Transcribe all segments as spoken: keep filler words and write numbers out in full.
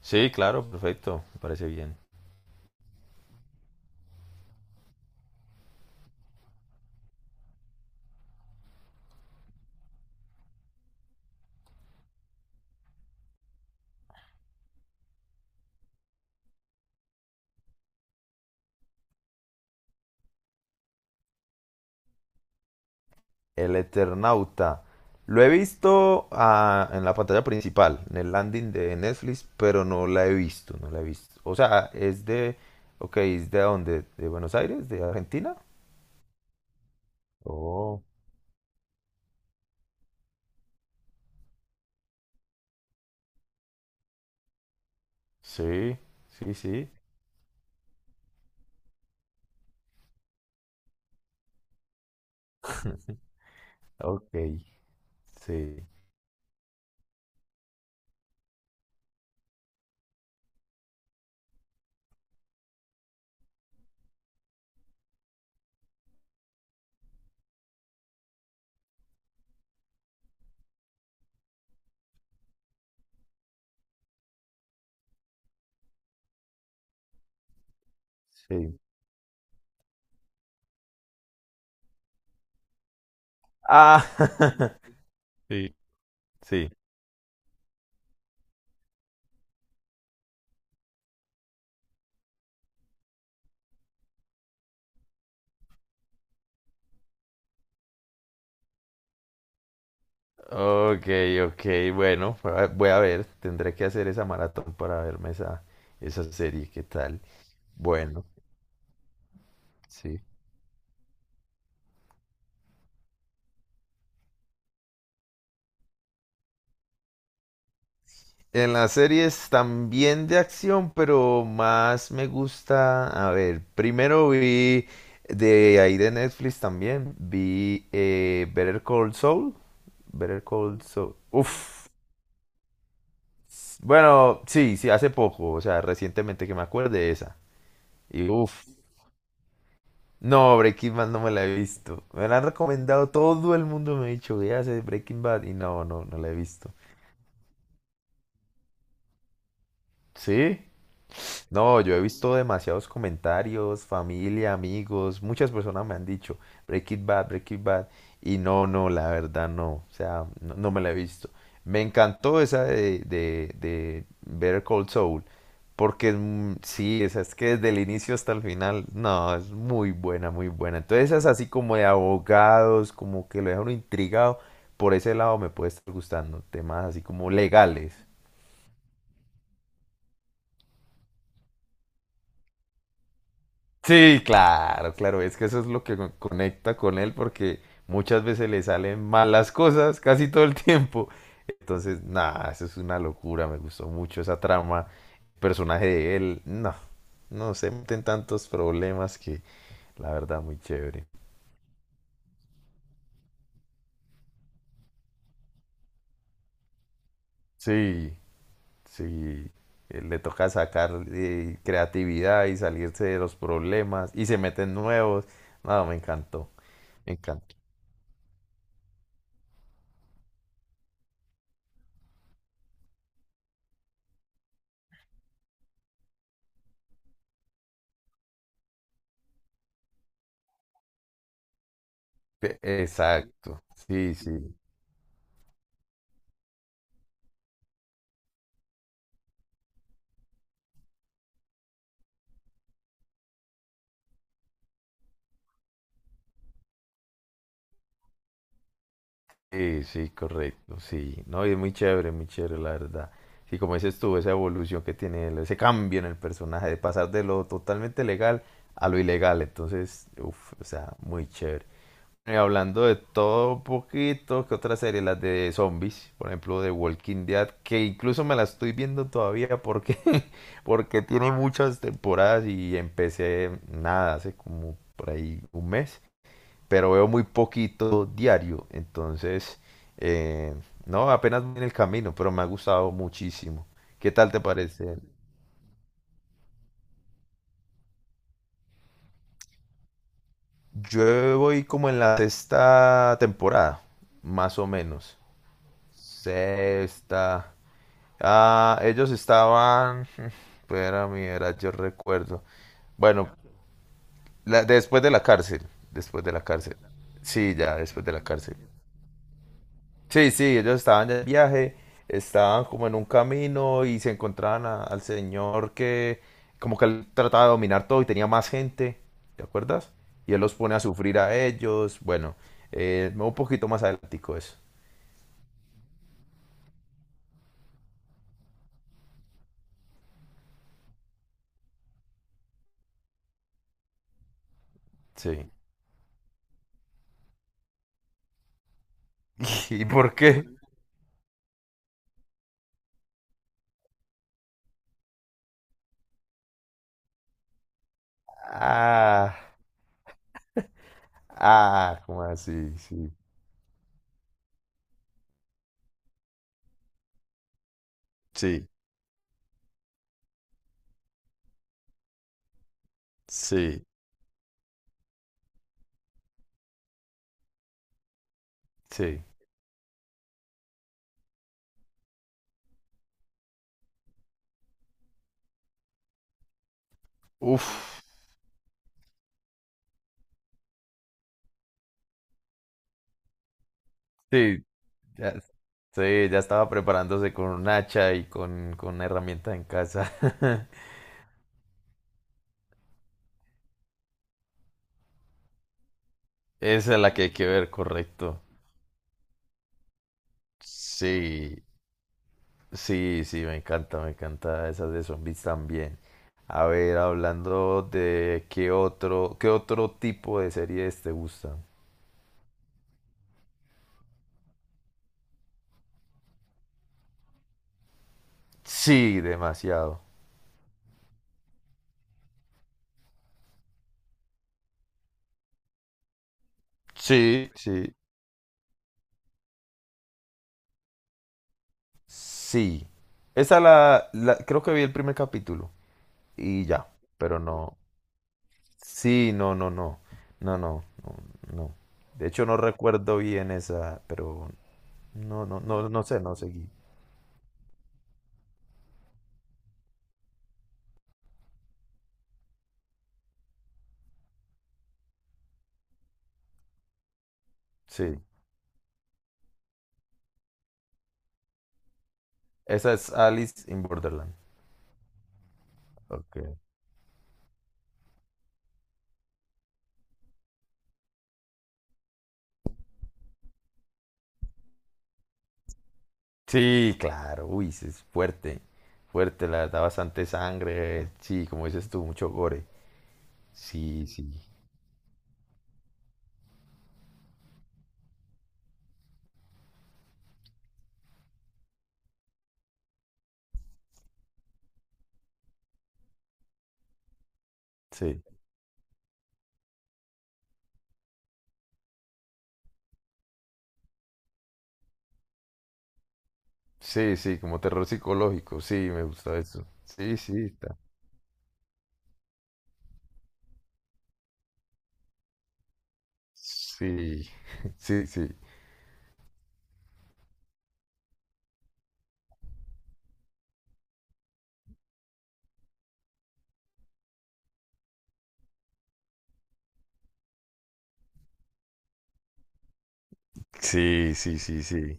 Sí, claro, perfecto, me parece bien. El Eternauta. Lo he visto ah, en la pantalla principal, en el landing de Netflix, pero no la he visto, no la he visto. O sea, es de, ok, ¿es de dónde? ¿De Buenos Aires? ¿De Argentina? Oh, sí, sí, sí. Ok, sí, sí. Ah, Sí. Sí. Ok, ok, bueno, voy a voy a ver, tendré que hacer esa maratón para verme esa, esa serie, ¿qué tal? Bueno, sí. En las series también de acción, pero más me gusta. A ver, primero vi de ahí de Netflix también. Vi eh, Better Call Saul. Better Call Saul. Uf. Bueno, sí, sí, hace poco. O sea, recientemente que me acuerde esa. Y uf. No, Breaking Bad no me la he visto. Me la han recomendado, todo el mundo me ha dicho, ¿que hace Breaking Bad? Y no, no, no la he visto. ¿Sí? No, yo he visto demasiados comentarios, familia, amigos, muchas personas me han dicho Break It Bad, Break It Bad, y no, no, la verdad no, o sea, no, no me la he visto. Me encantó esa de, de, de Better Call Saul, porque es mu- sí, esa es que desde el inicio hasta el final, no, es muy buena, muy buena. Entonces esa es así como de abogados, como que lo deja uno intrigado, por ese lado me puede estar gustando, temas así como legales. Sí, claro, claro, es que eso es lo que co- conecta con él porque muchas veces le salen malas cosas casi todo el tiempo. Entonces, nada, eso es una locura, me gustó mucho esa trama, el personaje de él, no, no se meten tantos problemas que la verdad muy chévere. Sí, sí, eh, le toca sacar eh, creatividad y salirse de los problemas y se meten nuevos. No, me encantó, me encantó. Exacto, sí, sí. Sí, sí, correcto, sí. No, y es muy chévere, muy chévere, la verdad. Sí, como dices tú, esa evolución que tiene él, ese cambio en el personaje, de pasar de lo totalmente legal a lo ilegal. Entonces, uff, o sea, muy chévere. Y hablando de todo un poquito, ¿qué otra serie? Las de zombies, por ejemplo, de Walking Dead, que incluso me la estoy viendo todavía porque, porque tiene muchas temporadas y empecé nada, hace como por ahí un mes, pero veo muy poquito diario, entonces, eh, no, apenas voy en el camino, pero me ha gustado muchísimo. ¿Qué tal te parece? Yo voy como en la sexta temporada, más o menos. Sexta. Ah, ellos estaban. Espera, mira, yo recuerdo. Bueno, la- después de la cárcel. Después de la cárcel. Sí, ya, después de la cárcel. Sí, sí, ellos estaban de viaje, estaban como en un camino y se encontraban a- al señor que, como que él trataba de dominar todo y tenía más gente, ¿te acuerdas? Y él los pone a sufrir a ellos, bueno, eh, un poquito más adelantico eso. Sí. ¿Y por qué? Ah, ah, ¿cómo así? Sí, sí, sí. Sí. Uf. Sí, ya, sí, ya estaba preparándose con un hacha y con, con una herramienta en casa. Esa es la que hay que ver, correcto. Sí, sí, sí, me encanta, me encanta esas de zombies también. A ver, hablando de qué otro, qué otro tipo de series te gustan. Sí, demasiado. Sí, sí, sí. Esa la, la, creo que vi el primer capítulo y ya, pero no. Sí, no, no, no, no, no, no, no. De hecho, no recuerdo bien esa, pero no, no, no, no sé, no seguí. Sí. Esa es Alice in Borderland. Ok. Sí, claro. Uy, sí, es fuerte. Fuerte, la verdad, bastante sangre. Sí, como dices tú, mucho gore. Sí, sí. Sí. Sí, sí, como terror psicológico. Sí, me gusta eso. Sí, sí, está. Sí. Sí, sí. Sí, sí, sí, sí.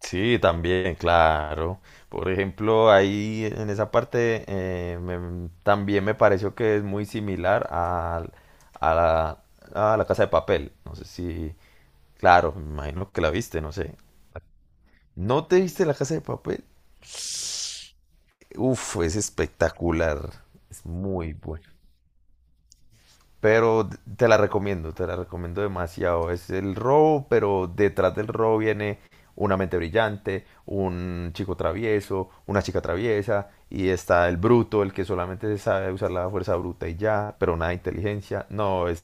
Sí, también, claro. Por ejemplo, ahí en esa parte eh, me- también me pareció que es muy similar al- a, la, a la Casa de Papel. No sé si, claro, me imagino que la viste, no sé. ¿No te viste la Casa de Papel? Uf, es espectacular. Es muy bueno. Pero te la recomiendo, te la recomiendo demasiado. Es el robo, pero detrás del robo viene una mente brillante, un chico travieso, una chica traviesa, y está el bruto, el que solamente sabe usar la fuerza bruta y ya, pero nada de inteligencia. No, es,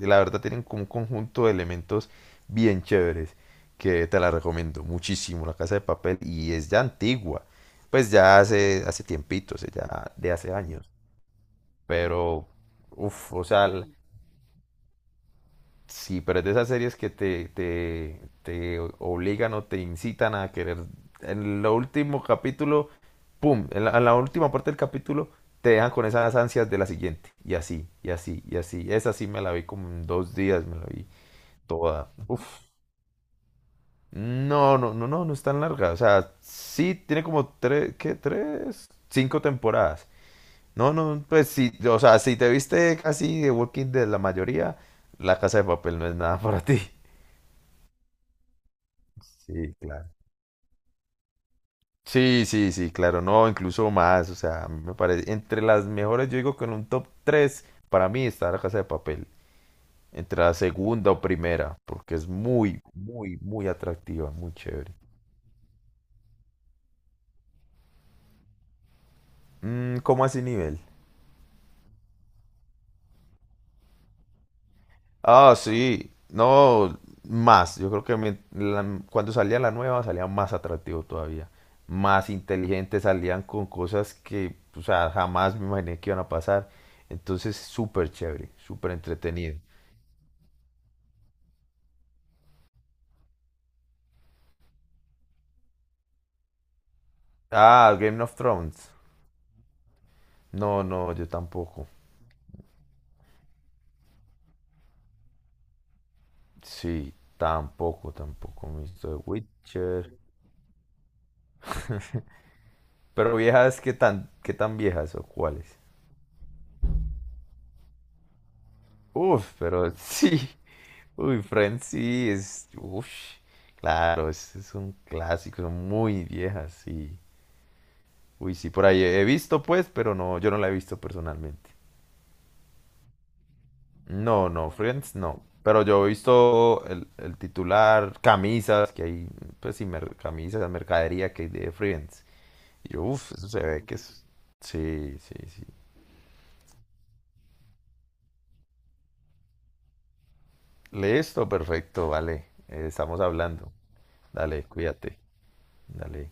la verdad tienen como un conjunto de elementos bien chéveres que te la recomiendo muchísimo, La Casa de Papel, y es ya antigua, pues ya hace, hace tiempitos ya de hace años, pero, uff, o sea, sí, pero es de esas series que te, te, te obligan o te incitan a querer. En el último capítulo, pum, en la, en la última parte del capítulo, te dejan con esas ansias de la siguiente. Y así, y así, y así. Esa sí me la vi como en dos días, me la vi toda. Uf. No, no, no, no, no es tan larga. O sea, sí tiene como tres, ¿qué? Tres, cinco temporadas. No, no, pues sí, o sea, si te viste casi de Walking Dead la mayoría, La Casa de Papel no es nada para ti. Sí, claro. Sí, sí, sí, claro, no, incluso más, o sea, a mí me parece, entre las mejores, yo digo que en un top tres para mí está La Casa de Papel, entre la segunda o primera, porque es muy, muy, muy atractiva, muy chévere. Mm, ¿cómo así nivel? Ah, sí, no, más, yo creo que me- la- cuando salía la nueva salía más atractivo todavía, más inteligente, salían con cosas que, o sea, jamás me imaginé que iban a pasar, entonces súper chévere, súper entretenido. Ah, Game of Thrones. No, no, yo tampoco. Sí, tampoco, tampoco me he visto The Witcher. Pero viejas, ¿qué tan, qué tan viejas o cuáles? Uf, pero sí. Uy, Friends sí es. Uf, claro, es, es un clásico, son muy viejas, sí. Uy, sí, por ahí he visto, pues, pero no, yo no la he visto personalmente. No, no, Friends no. Pero yo he visto el, el titular, camisas, que hay, pues sí, mer- camisas, mercadería que hay de Friends. Y yo, uf, eso se ve que es... Sí, sí, sí. Listo, perfecto, vale. Eh, estamos hablando. Dale, cuídate. Dale.